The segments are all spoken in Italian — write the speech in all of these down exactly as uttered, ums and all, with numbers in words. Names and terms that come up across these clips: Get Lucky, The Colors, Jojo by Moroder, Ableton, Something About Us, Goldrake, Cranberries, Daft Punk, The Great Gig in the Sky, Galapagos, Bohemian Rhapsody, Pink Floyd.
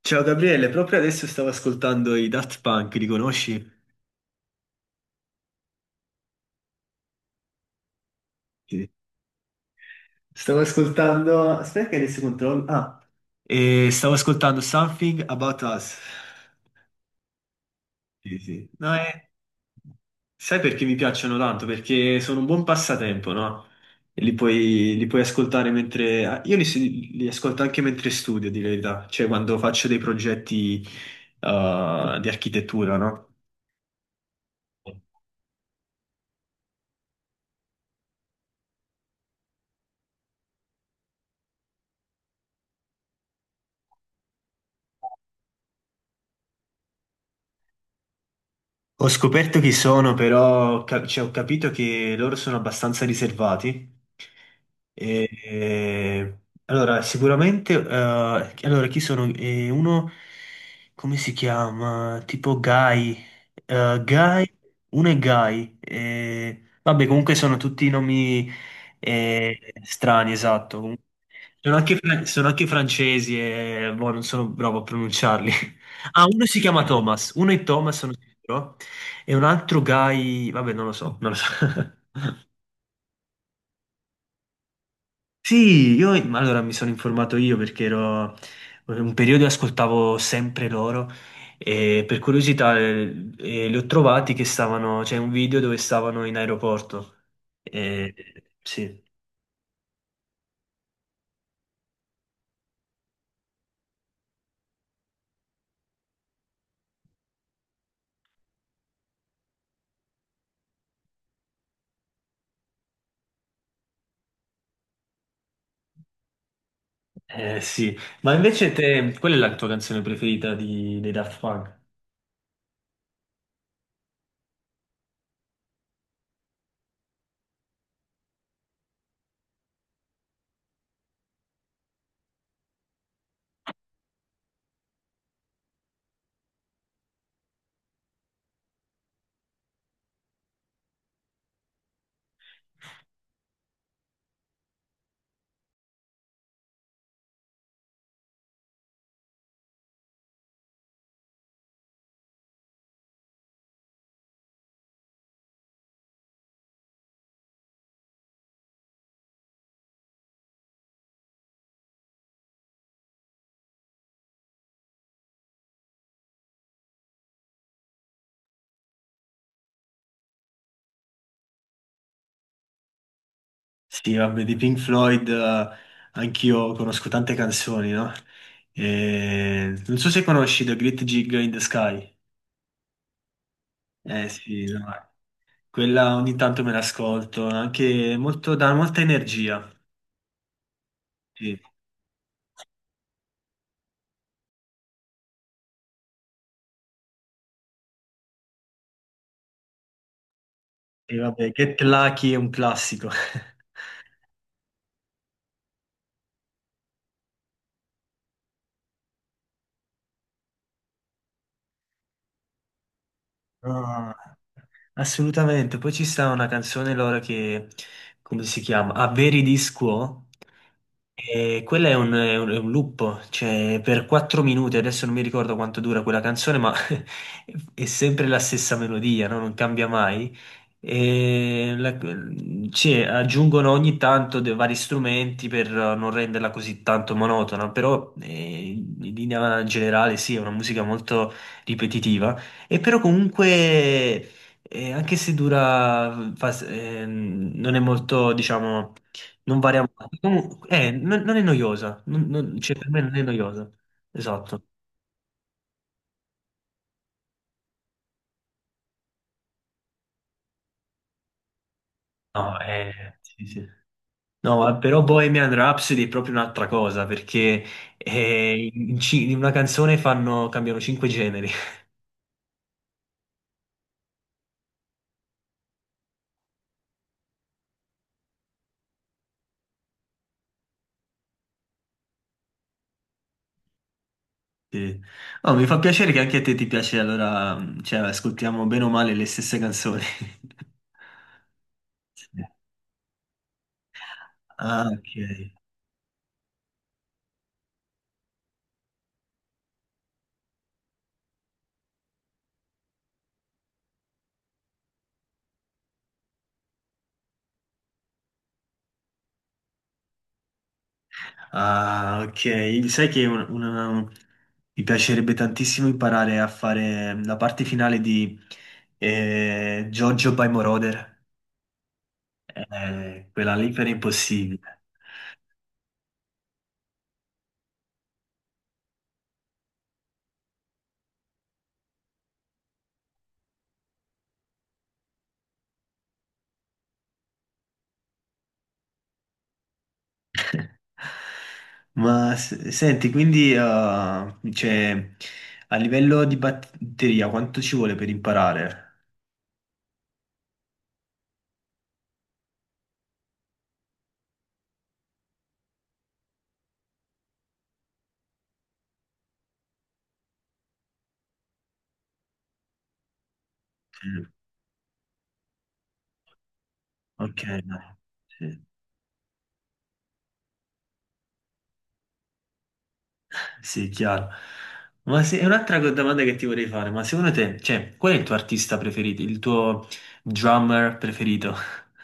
Ciao Gabriele, proprio adesso stavo ascoltando i Daft Punk, li conosci? Sì. Stavo ascoltando... Aspetta che adesso controllo... Ah, e stavo ascoltando Something About Us. Sì, sì. No, è... Sai perché mi piacciono tanto? Perché sono un buon passatempo, no? E li puoi, li puoi ascoltare mentre... ah, Io li, li ascolto anche mentre studio, di verità, cioè quando faccio dei progetti eh, di architettura, no? Ho scoperto chi sono, però ca- cioè, ho capito che loro sono abbastanza riservati. E- e- allora, sicuramente, eh, allora, chi sono? Eh, uno, come si chiama? Tipo Guy. Eh, Guy, uno è Guy. Eh, vabbè, comunque sono tutti nomi eh, strani, esatto. Comunque, sono anche, fra- sono anche francesi e boh, non sono bravo a pronunciarli. Ah, uno si chiama Thomas, uno è Thomas, sono sicuro. E un altro guy, vabbè, non lo so, non lo so. Sì, io ma allora mi sono informato io perché ero un periodo ascoltavo sempre loro e per curiosità eh, eh, li ho trovati che stavano, c'è un video dove stavano in aeroporto. Eh, sì. Eh, sì. Ma invece te, qual è la tua canzone preferita di, dei Daft Punk? Sì, vabbè, di Pink Floyd, eh, anch'io conosco tante canzoni, no? Eh, non so se conosci The Great Gig in the Sky. Eh sì, no, eh, quella ogni tanto me l'ascolto, anche molto, dà molta energia. Sì. E vabbè, Get Lucky è un classico. Ah, assolutamente. Poi ci sta una canzone loro che, come si chiama? Averi di Quo? E quella è un, è un- è un loop, cioè per quattro minuti, adesso non mi ricordo quanto dura quella canzone, ma è sempre la stessa melodia, no? Non cambia mai. E la- sì, aggiungono ogni tanto dei vari strumenti per non renderla così tanto monotona, però eh, in linea generale sì, è una musica molto ripetitiva, e però comunque, eh, anche se dura, fa- ehm, non è molto, diciamo non varia molto. Comunque, eh, non, non è noiosa. Non- non- cioè per me non è noiosa. Esatto. No, eh, sì, sì. No, eh, però Bohemian Rhapsody è proprio un'altra cosa, perché eh, in, ci- in una canzone fanno, cambiano cinque generi. Sì. Oh, mi fa piacere che anche a te ti piace, allora, cioè, ascoltiamo bene o male le stesse canzoni. Ah, ok. Ah, ok. Sai che un- una- mi piacerebbe tantissimo imparare a fare la parte finale di eh, Jojo by Moroder. Eh, quella lì per impossibile. Ma s- senti, quindi ah, cioè, a livello di batteria, quanto ci vuole per imparare? Sì. Ok, no. Sì. Sì, chiaro. Ma se, è un'altra co- domanda che ti vorrei fare, ma secondo te, cioè, qual è il tuo artista preferito, il tuo drummer preferito?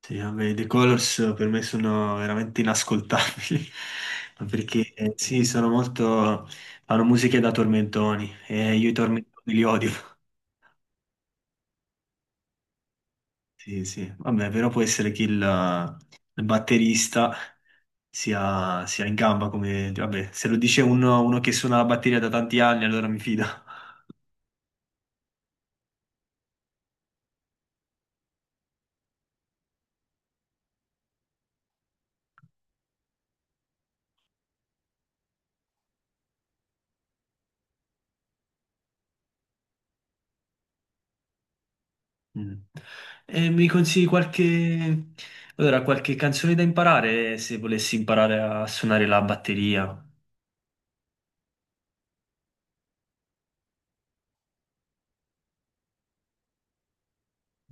Sì, vabbè, i The Colors per me sono veramente inascoltabili, ma perché eh, sì, sono molto... fanno musiche da tormentoni e io i tormentoni li odio. Sì, sì, vabbè, però può essere che il, il batterista sia, sia in gamba come... vabbè, se lo dice uno, uno che suona la batteria da tanti anni, allora mi fido. Mm. E mi consigli qualche... Allora, qualche canzone da imparare se volessi imparare a suonare la batteria?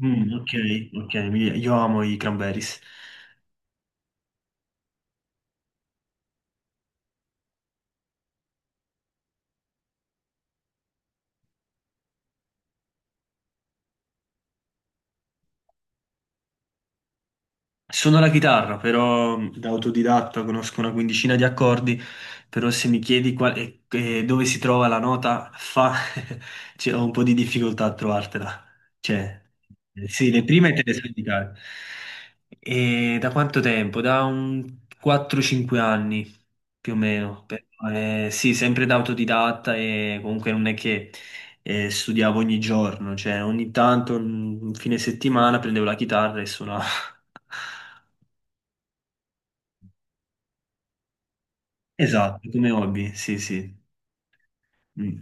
Mm, ok, ok, mi- io amo i Cranberries. Suono la chitarra, però mh, da autodidatta conosco una quindicina di accordi, però se mi chiedi qual- e- e dove si trova la nota fa, cioè, ho un po' di difficoltà a trovartela. Cioè, eh, sì, le prime te le so indicare. E da quanto tempo? Da un quattro cinque anni più o meno. Però, eh, sì, sempre da autodidatta e comunque non è che eh, studiavo ogni giorno, cioè ogni tanto, un fine settimana, prendevo la chitarra e suonavo. Esatto, come hobby, sì, sì. Mm.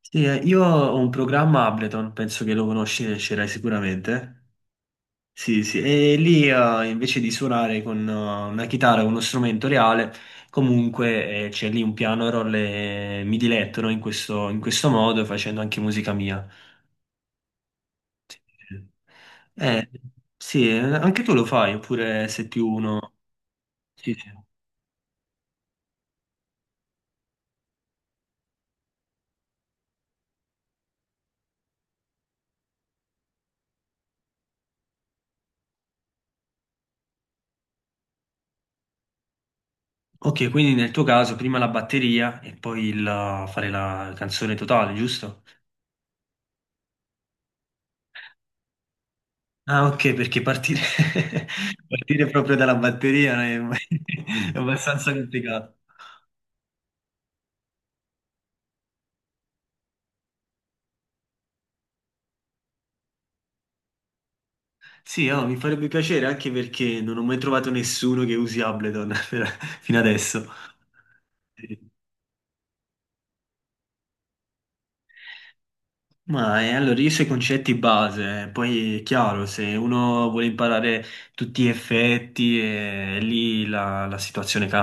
Sì, eh, io ho un programma Ableton, penso che lo conosci, e ce l'hai sicuramente. Sì, sì, e lì eh, invece di suonare con eh, una chitarra, con uno strumento reale, comunque eh, c'è lì un piano roll e mi diletto, no, in questo, in questo modo, facendo anche musica mia. Eh, sì, eh, anche tu lo fai, oppure sei più uno... Sì, sì. Ok, quindi nel tuo caso prima la batteria e poi il, fare la canzone totale, giusto? Ah, ok, perché partire, partire proprio dalla batteria è, è abbastanza complicato. Sì, oh, mi farebbe piacere anche perché non ho mai trovato nessuno che usi Ableton per- fino adesso. Sì. Ma eh, allora io so i concetti base, eh, poi è chiaro, se uno vuole imparare tutti gli effetti, eh, lì la la situazione cambia.